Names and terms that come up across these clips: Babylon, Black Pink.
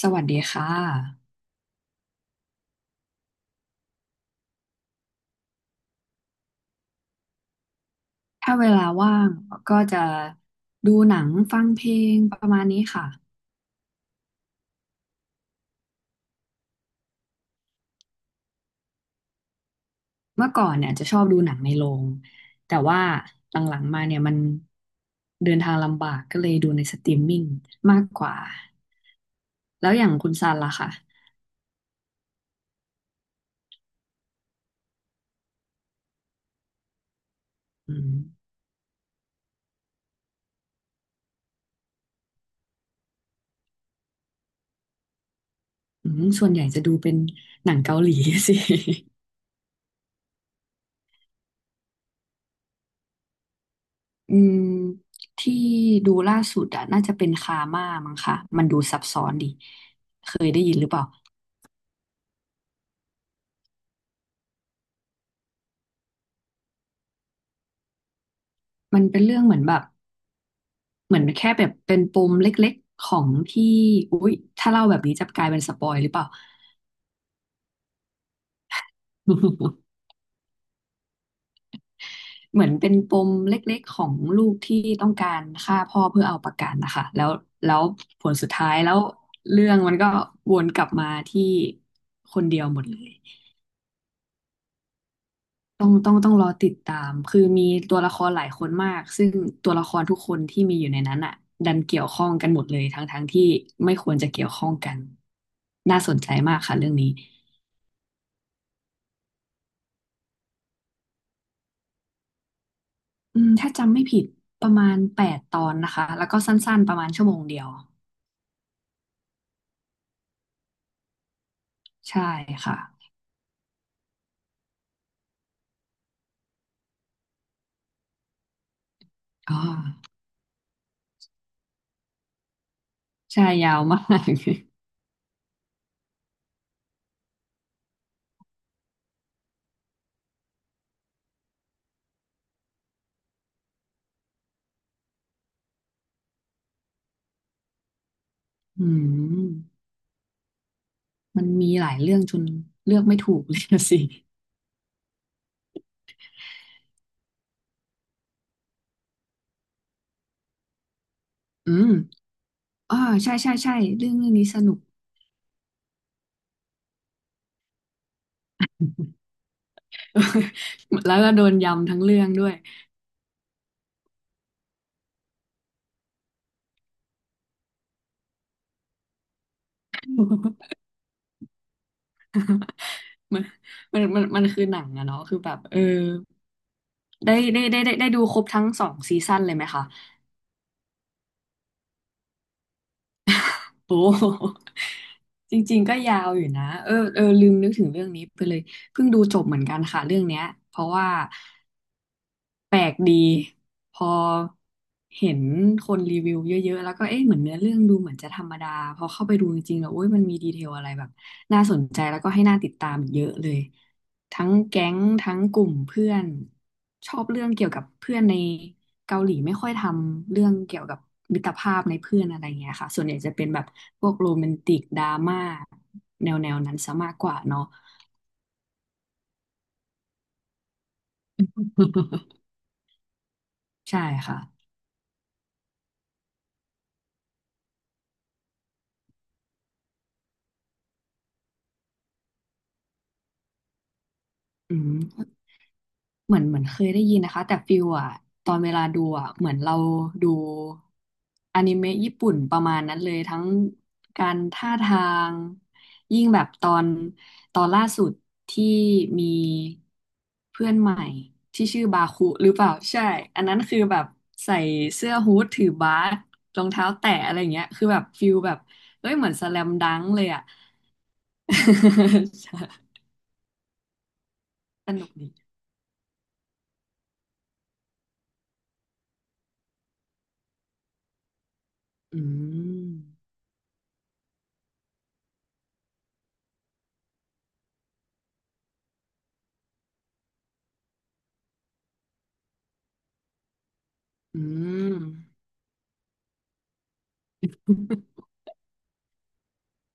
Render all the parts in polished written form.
สวัสดีค่ะ ถ้าเวลาว่างก็จะดูหนังฟังเพลงประมาณนี้ค่ะ เมื่อก่อนเนี่ยจะชอบดูหนังในโรง แต่ว่าหลังๆมาเนี่ยมันเดินทางลำบากก็เลยดูในสตรีมมิ่งมากกว่า แล้วอย่างคุณซันล่ะค่ะอืมอืมส่วนใหญ่จะดูเป็นหนังเกาหลี สิอืมที่ดูล่าสุดอะน่าจะเป็นคาม่ามั้งคะมันดูซับซ้อนดีเคยได้ยินหรือเปล่ามันเป็นเรื่องเหมือนแบบ เหมือนแค่แบบเป็นปมเล็กๆของที่อุ๊ยถ้าเล่าแบบนี้จะกลายเป็นสปอยหรือเปล่า เหมือนเป็นปมเล็กๆของลูกที่ต้องการฆ่าพ่อเพื่อเอาประกันนะคะแล้วผลสุดท้ายแล้วเรื่องมันก็วนกลับมาที่คนเดียวหมดเลยต้องรอติดตามคือมีตัวละครหลายคนมากซึ่งตัวละครทุกคนที่มีอยู่ในนั้นอ่ะดันเกี่ยวข้องกันหมดเลยทั้งที่ไม่ควรจะเกี่ยวข้องกันน่าสนใจมากค่ะเรื่องนี้ อืมถ้าจำไม่ผิดประมาณ8 ตอนนะคะแล้วก็สั้นๆประมาณชั่วโมงเดียวใช่ค่ะอ๋อใช่ยาวมาก อืมมันมีหลายเรื่องจนเลือกไม่ถูกเลยนะสิ อืมอ๋อใช่ใช่ใช่เรื่องนี้สนุก แล้วก็โดนยำทั้งเรื่องด้วย มันมันคือหนังอะเนาะคือแบบเออได้ดูครบทั้ง2 ซีซั่นเลยไหมคะ โอ้ จริงๆก็ยาวอยู่นะเออลืมนึกถึงเรื่องนี้ไปเลยเพิ่งดูจบเหมือนกันค่ะเรื่องเนี้ยเพราะว่า แปลกดีพอเห็นคนรีวิวเยอะๆแล้วก็เอ๊ะเหมือนเนื้อเรื่องดูเหมือนจะธรรมดาพอเข้าไปดูจริงๆแล้วโอ้ยมันมีดีเทลอะไรแบบน่าสนใจแล้วก็ให้น่าติดตามเยอะเลยทั้งแก๊งทั้งกลุ่มเพื่อนชอบเรื่องเกี่ยวกับเพื่อนในเกาหลีไม่ค่อยทำเรื่องเกี่ยวกับมิตรภาพในเพื่อนอะไรเงี้ยค่ะส่วนใหญ่จะเป็นแบบพวกโรแมนติกดราม่าแนวๆนั้นซะมากกว่าเนาะ ใช่ค่ะอืม เหมือนเคยได้ยินนะคะแต่ฟิลอะตอนเวลาดูอะเหมือนเราดูอนิเมะญี่ปุ่นประมาณนั้นเลยทั้งการท่าทางยิ่งแบบตอนล่าสุดที่มีเพื่อนใหม่ที่ชื่อบาคุหรือเปล่าใช่อันนั้นคือแบบใส่เสื้อฮู้ดถือบาสรองเท้าแตะอะไรเงี้ยคือแบบฟิลแบบเอ้ยเหมือนสแลมดังก์เลยอะ ใช่สนุกดีอืมอืม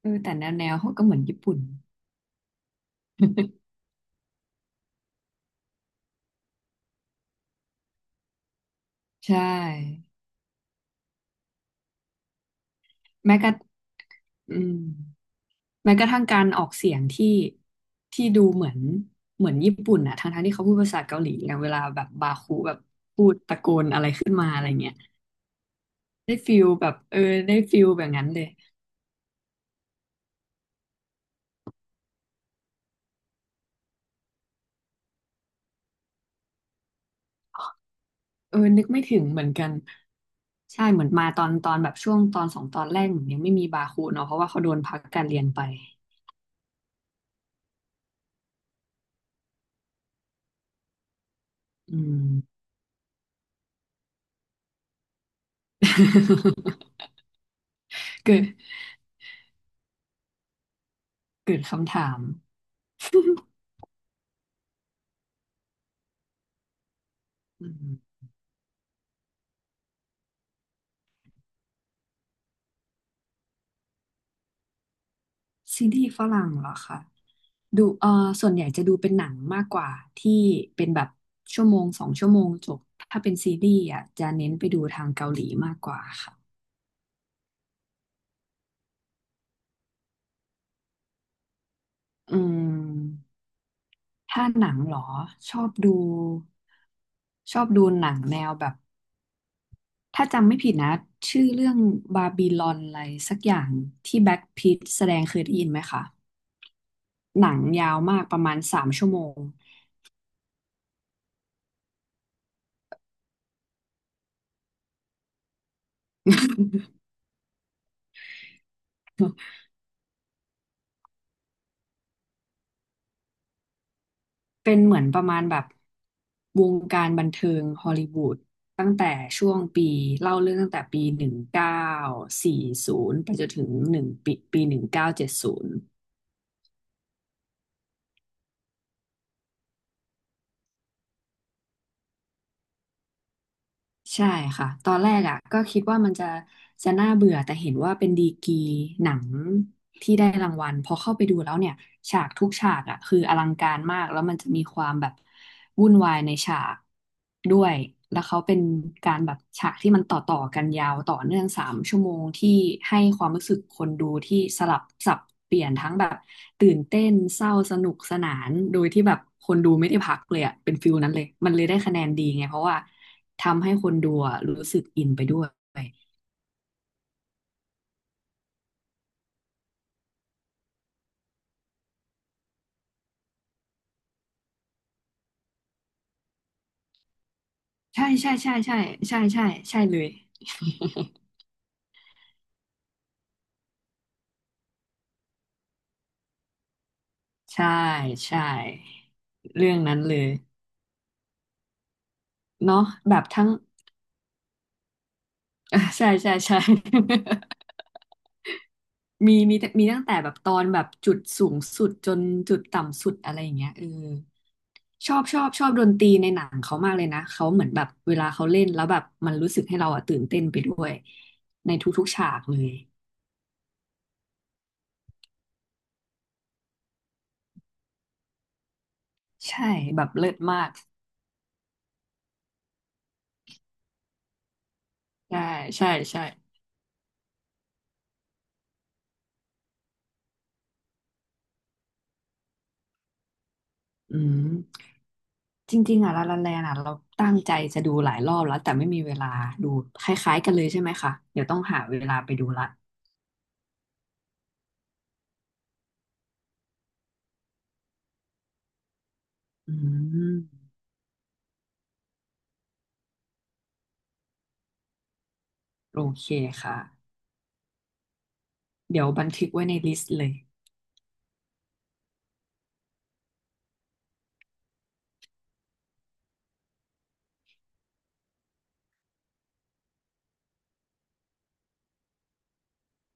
เออแต่แนวเขาก็เหมือนญี่ปุ่นใช่แม้กระอืมแม้กระทั่งการออกเสียงที่ดูเหมือนญี่ปุ่นอะทั้งที่เขาพูดภาษาเกาหลีอย่างเวลาแบบบาคูแบบพูดตะโกนอะไรขึ้นมาอะไรเงี้ยได้ฟิลแบบเออได้ฟิลแบบนั้นเลยเออนึกไม่ถึงเหมือนกันใช่เหมือนมาตอนแบบช่วงตอน2 ตอนแรกเหมือนยังไม่มีบาคูเนาะเพราะว่าเขาโดนพักการเรียนไปอืม เกิดเกิดคำถาม อืม ซีรีส์ฝรั่งเหรอคะดูส่วนใหญ่จะดูเป็นหนังมากกว่าที่เป็นแบบชั่วโมงสองชั่วโมงจบถ้าเป็นซีรีส์อ่ะจะเน้นไปดูทางเกาหลีมากกว่าค่ะอืมถ้าหนังเหรอชอบดูชอบดูหนังแนวแบบถ้าจำไม่ผิดนะชื่อเรื่องบาบิลอนอะไรสักอย่างที่แบล็คพีทแสดงเคยได้ยินไหมคะหนังยาวมากประมาณสามชั่วโมง เป็นเหมือนประมาณแบบวงการบันเทิงฮอลลีวูดตั้งแต่ช่วงปีเล่าเรื่องตั้งแต่ปี1940ไปจนถึงหนึ่งปีปี1970 ใช่ค่ะตอนแรกอ่ะก็คิดว่ามันจะน่าเบื่อแต่เห็นว่าเป็นดีกรีหนังที่ได้รางวัลพอเข้าไปดูแล้วเนี่ยฉากทุกฉากอ่ะคืออลังการมากแล้วมันจะมีความแบบวุ่นวายในฉากด้วยแล้วเขาเป็นการแบบฉากที่มันต่อกันยาวต่อเนื่องสามชั่วโมงที่ให้ความรู้สึกคนดูที่สลับสับเปลี่ยนทั้งแบบตื่นเต้นเศร้าสนุกสนานโดยที่แบบคนดูไม่ได้พักเลยอ่ะเป็นฟิลนั้นเลยมันเลยได้คะแนนดีไงเพราะว่า ทำให้คนดูอะรู้สึกอินไปด้วยใช่ใช่ใช่ใช่ใช่ใช่ใช่เลยใช่ใช่เรื่องนั้นเลยเนาะแบบทั้ง อ่ะใช่ใช่ใช่ มีตั้งแต่แบบตอนแบบจุดสูงสุดจนจุดต่ำสุดอะไรอย่างเงี้ยเออชอบดนตรีในหนังเขามากเลยนะเขาเหมือนแบบเวลาเขาเล่นแล้วแบบมันรู้สึกให้เราอะตื่นเต้นไปด้วยในทุกๆฉากเลยใช่แบบเลิศมากใช่ใช่ใช่อืม จริงๆอ่ะลาลาแลนอ่ะเราตั้งใจจะดูหลายรอบแล้วแต่ไม่มีเวลาดูคล้ายๆกันเลยใช่ไหมคะเดี๋ยวต้องหาเวลาไปดูละอืมโอเคค่ะเดี๋ยวบันทึกไว้ในลิสต์เลย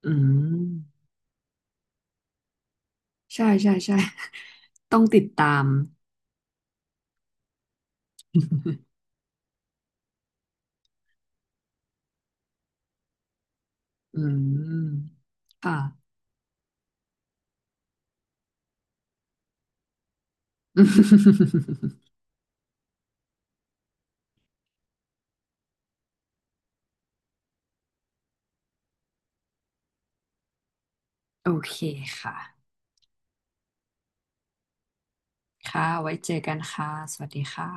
อืมใช่ใช่ใช่ ต้องติดตาม อืมค่ะ โอเคค่ะค่ะไว้เจอกันค่ะสวัสดีค่ะ